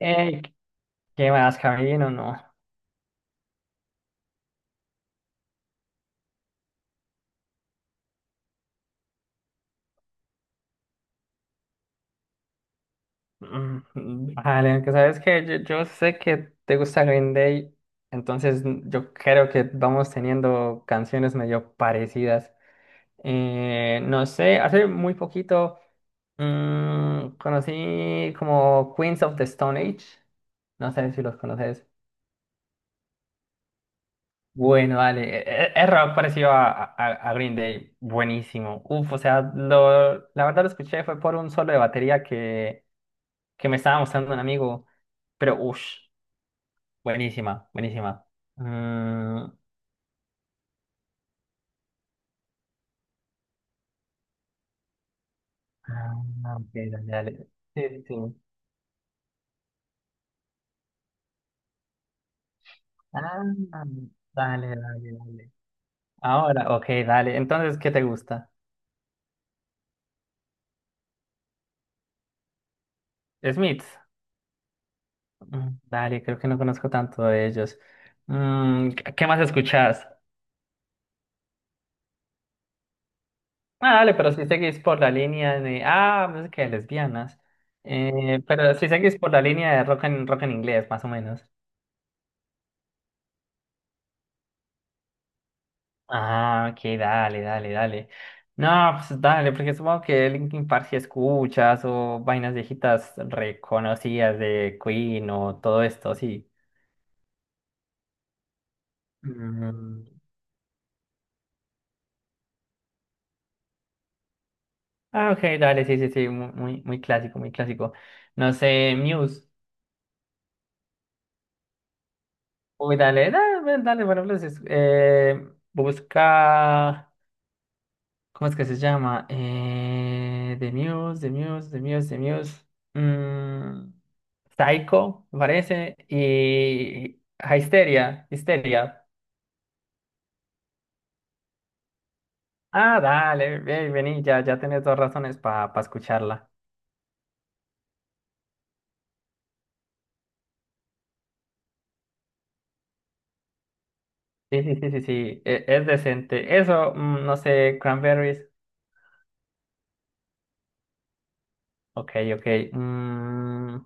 Ey, ¿qué más, Kevin o No? Vale, aunque sabes que yo sé que te gusta Green Day, entonces yo creo que vamos teniendo canciones medio parecidas. No sé, hace muy poquito conocí como Queens of the Stone Age. No sé si los conoces. Bueno, dale, es rock parecido a Green Day, buenísimo. Uf, o sea, lo, la verdad lo escuché fue por un solo de batería que me estaba mostrando un amigo, pero uff, buenísima, buenísima. Mm, ah, ok, dale, dale. Sí, sí, sí. Ah, dale, dale, dale. Ahora, ok, dale. Entonces, ¿qué te gusta? Smith. Dale, creo que no conozco tanto de ellos. ¿Qué más escuchás? Ah, dale, pero si seguís por la línea de, música de lesbianas. Pero si seguís por la línea de rock en, rock en inglés, más o menos. Ah, ok, dale, dale, dale. No, pues dale, porque supongo que Linkin Park si escuchas o vainas viejitas reconocidas de Queen o todo esto, sí. Mm. Ah, ok, dale, sí, sí, sí, muy, muy clásico, muy clásico. No sé, Muse. Uy, dale, dale, dale, bueno, pues, busca. ¿Cómo es que se llama? The Muse, The Muse, The Muse, The Muse. mm, Psycho, me parece. Y ah, Histeria, Histeria. Ah, dale, ven, vení, ya, ya tenés dos razones para escucharla. Sí, sí, sí, sí, sí, es decente. Eso, no sé, Cranberries. Ok, ok. mm,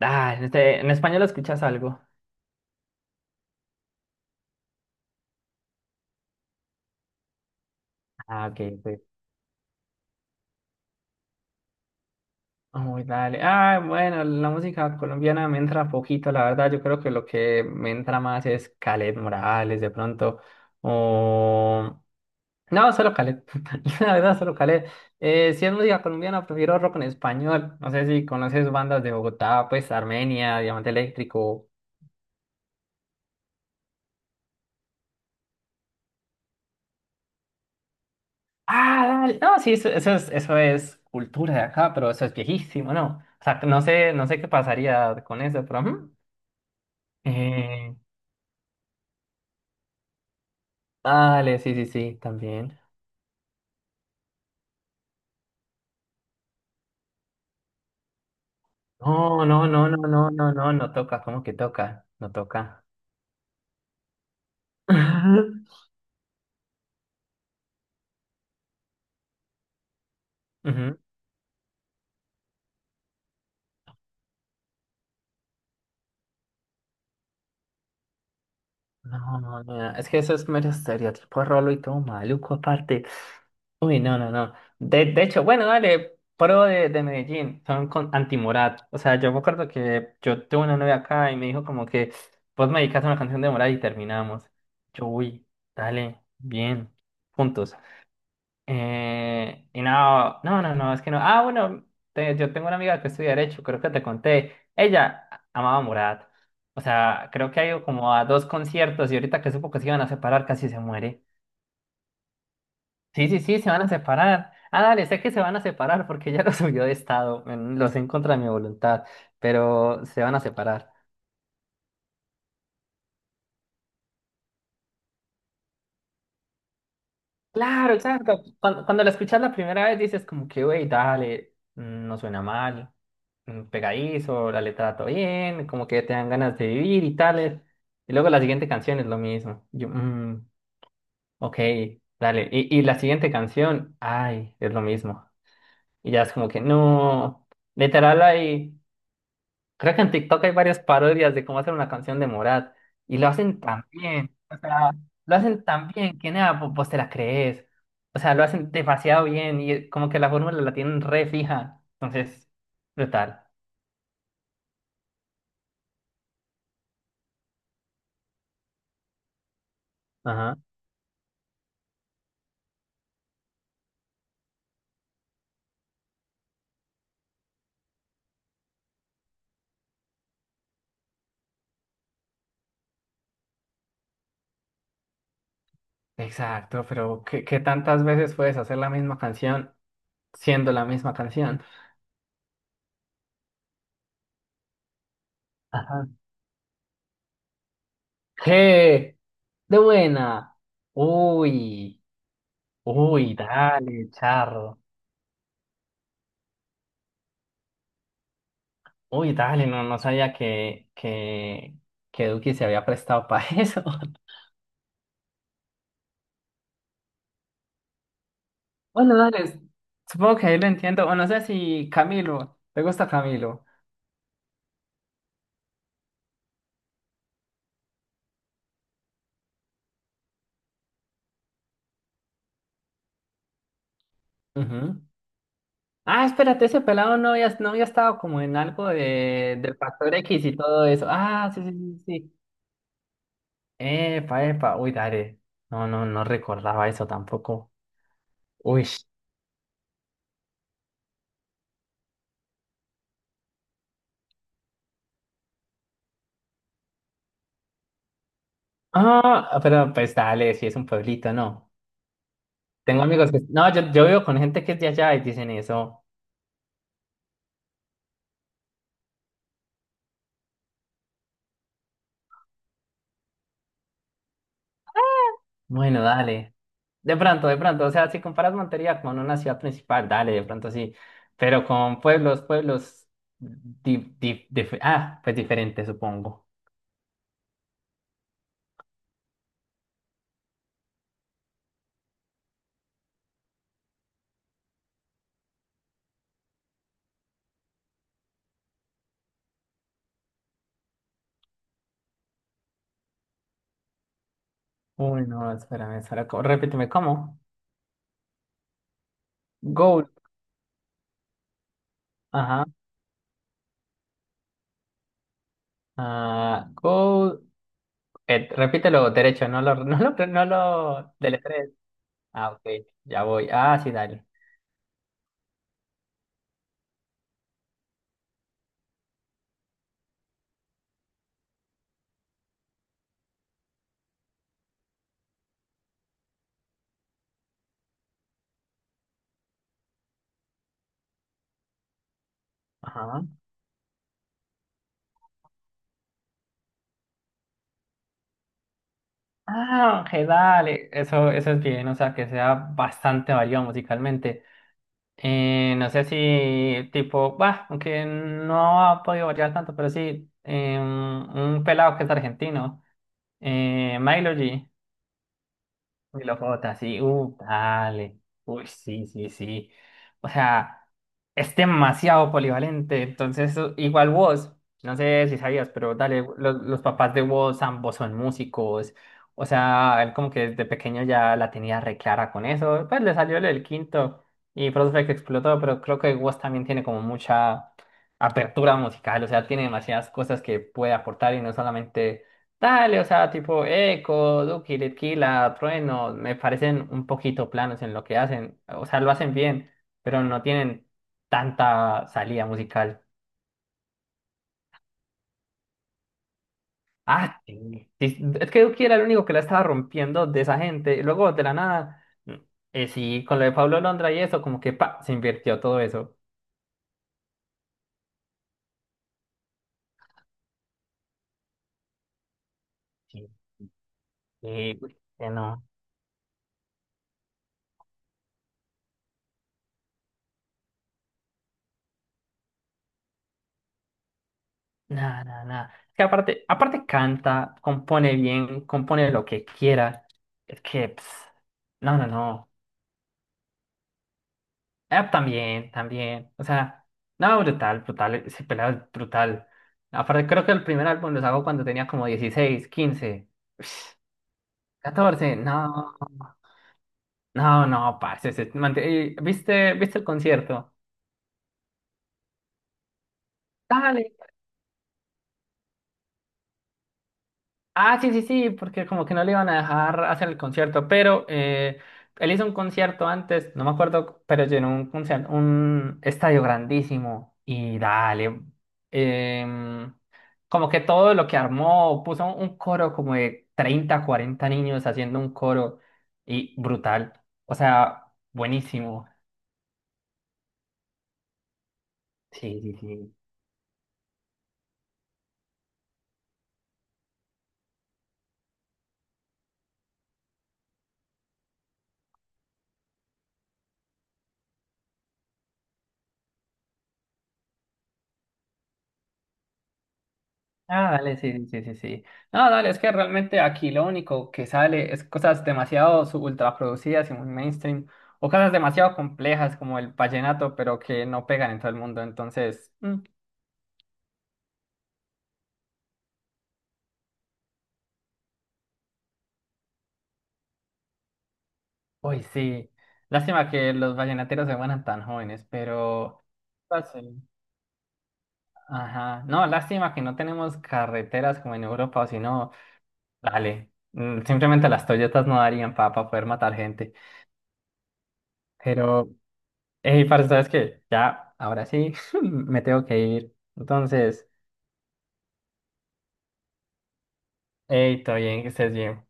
ah, en, en español escuchas algo. Ah, ok. Ok. Uy, dale. Ah, bueno, la música colombiana me entra poquito, la verdad. Yo creo que lo que me entra más es Caleb Morales, de pronto. O... No, solo Caleb. La verdad, solo Caleb. Si es música colombiana, prefiero rock en español. No sé si conoces bandas de Bogotá, pues Armenia, Diamante Eléctrico. Ah, dale. No, sí, eso, eso es cultura de acá, pero eso es viejísimo, ¿no? O sea, no sé, no sé qué pasaría con eso, pero ujú. Eh, Dale, sí, sí, sí, también. No, no, no, no, no, no, no, no toca, ¿cómo que toca? No toca. Ujú. No, no, no, es que eso es mero estereotipo rolo y todo maluco aparte. Uy, no, no, no. De hecho, bueno, dale, pro de Medellín, son con anti-Morat. O sea, yo me acuerdo que yo tuve una novia acá y me dijo como que vos me dedicaste una canción de Morat y terminamos. Yo, uy, dale, bien, juntos. Y no, no, no, no, es que no. Ah, bueno, yo tengo una amiga que estudia Derecho, creo que te conté. Ella amaba a Morat. O sea, creo que ha ido como a dos conciertos y ahorita que supo que se iban a separar, casi se muere. Sí, sí, sí, se van a separar. Ah, dale, sé que se van a separar porque ella lo subió de estado. Lo sé en contra de mi voluntad, pero se van a separar. Claro, exacto. Cuando la escuchas la primera vez dices como que, güey, dale, no suena mal, pegadizo, la letra todo bien, como que te dan ganas de vivir y tales. Y luego la siguiente canción es lo mismo. Yo, ok, dale. Y la siguiente canción, ay, es lo mismo. Y ya es como que, no, literal ahí. Creo que en TikTok hay varias parodias de cómo hacer una canción de Morat y lo hacen tan bien, o sea, lo hacen tan bien que nada, vos te la crees, o sea, lo hacen demasiado bien y como que la fórmula la tienen re fija, entonces, brutal. Ajá. Exacto, pero ¿qué tantas veces puedes hacer la misma canción siendo la misma canción? Ajá. ¿Qué? De buena. Uy, uy, dale, charro. Uy, dale, no, no sabía que Duki se había prestado para eso. Bueno, dale, supongo que ahí lo entiendo. O no sé si Camilo, ¿te gusta Camilo? Ujú. Ah, espérate, ese pelado no había, no había estado como en algo de, del Factor X y todo eso. Ah, sí, sí, sí, sí. Epa, epa, uy, dale. No, no, no recordaba eso tampoco. Uy. Ah, pero pues dale, si es un pueblito, no. Tengo amigos que... No, yo vivo con gente que es de allá y dicen eso. Bueno, dale. De pronto, o sea, si comparas Montería con una ciudad principal, dale, de pronto sí, pero con pueblos, pueblos, pues diferente, supongo. Uy, no, espérame, espera, repíteme, ¿cómo? Gold, ajá, ah, gold, repítelo derecho, no lo, no lo, no lo deletrees. Ah, ok, ya voy, ah, sí, dale, ajá. Ah, ok, dale, eso es bien, o sea, que sea bastante variado musicalmente. No sé si tipo, bah, aunque no ha podido variar tanto, pero sí, un pelado que es argentino, Milo G. Y los J sí, dale. Uy, sí, sí, sí. O sea, es demasiado polivalente. Entonces, igual vos, no sé si sabías, pero dale, los papás de vos ambos son músicos. O sea, él como que desde pequeño ya la tenía re clara con eso. Pues le salió el quinto y por eso fue que explotó, pero creo que vos también tiene como mucha apertura musical. O sea, tiene demasiadas cosas que puede aportar y no solamente. Dale, o sea, tipo Eco, Duki, Litquila, Trueno, me parecen un poquito planos en lo que hacen. O sea, lo hacen bien, pero no tienen tanta salida musical. Ah, sí, sí, es que Duki era el único que la estaba rompiendo de esa gente. Y luego, de la nada, sí, con lo de Pablo Londra y eso, como que pa, se invirtió todo eso. Sí. Y uy, que no, nada, nada, nada. Es que aparte, aparte canta, compone bien, compone lo que quiera. Es que, ps, no, no, no. Ah, también, también. O sea, no, brutal, brutal. Ese pelado es brutal. Aparte, creo que el primer álbum lo sacó cuando tenía como 16 15 14. No, no, no, parce. Ese man viste el concierto? Dale, ah, sí, sí, sí, porque como que no le iban a dejar hacer el concierto, pero él hizo un concierto antes, no me acuerdo, pero llenó un concierto, un estadio grandísimo y dale, em, como que todo lo que armó, puso un coro como de 30 40 niños haciendo un coro y brutal, o sea, buenísimo. Sí, sí, sí. Ah, dale, sí, sí, sí, sí, sí. No, dale, es que realmente aquí lo único que sale es cosas demasiado ultra producidas y muy mainstream, o cosas demasiado complejas como el vallenato, pero que no pegan en todo el mundo. Entonces, uy, sí. Lástima que los vallenateros se mueran tan jóvenes, pero. Parce, ajá. No, lástima que no tenemos carreteras como en Europa, o si no, dale. Simplemente las Toyotas no darían para poder matar gente. Pero. Hey, parce, ¿sabes qué? Ya, ahora sí, me tengo que ir. Entonces, hey, todo bien, que estés bien.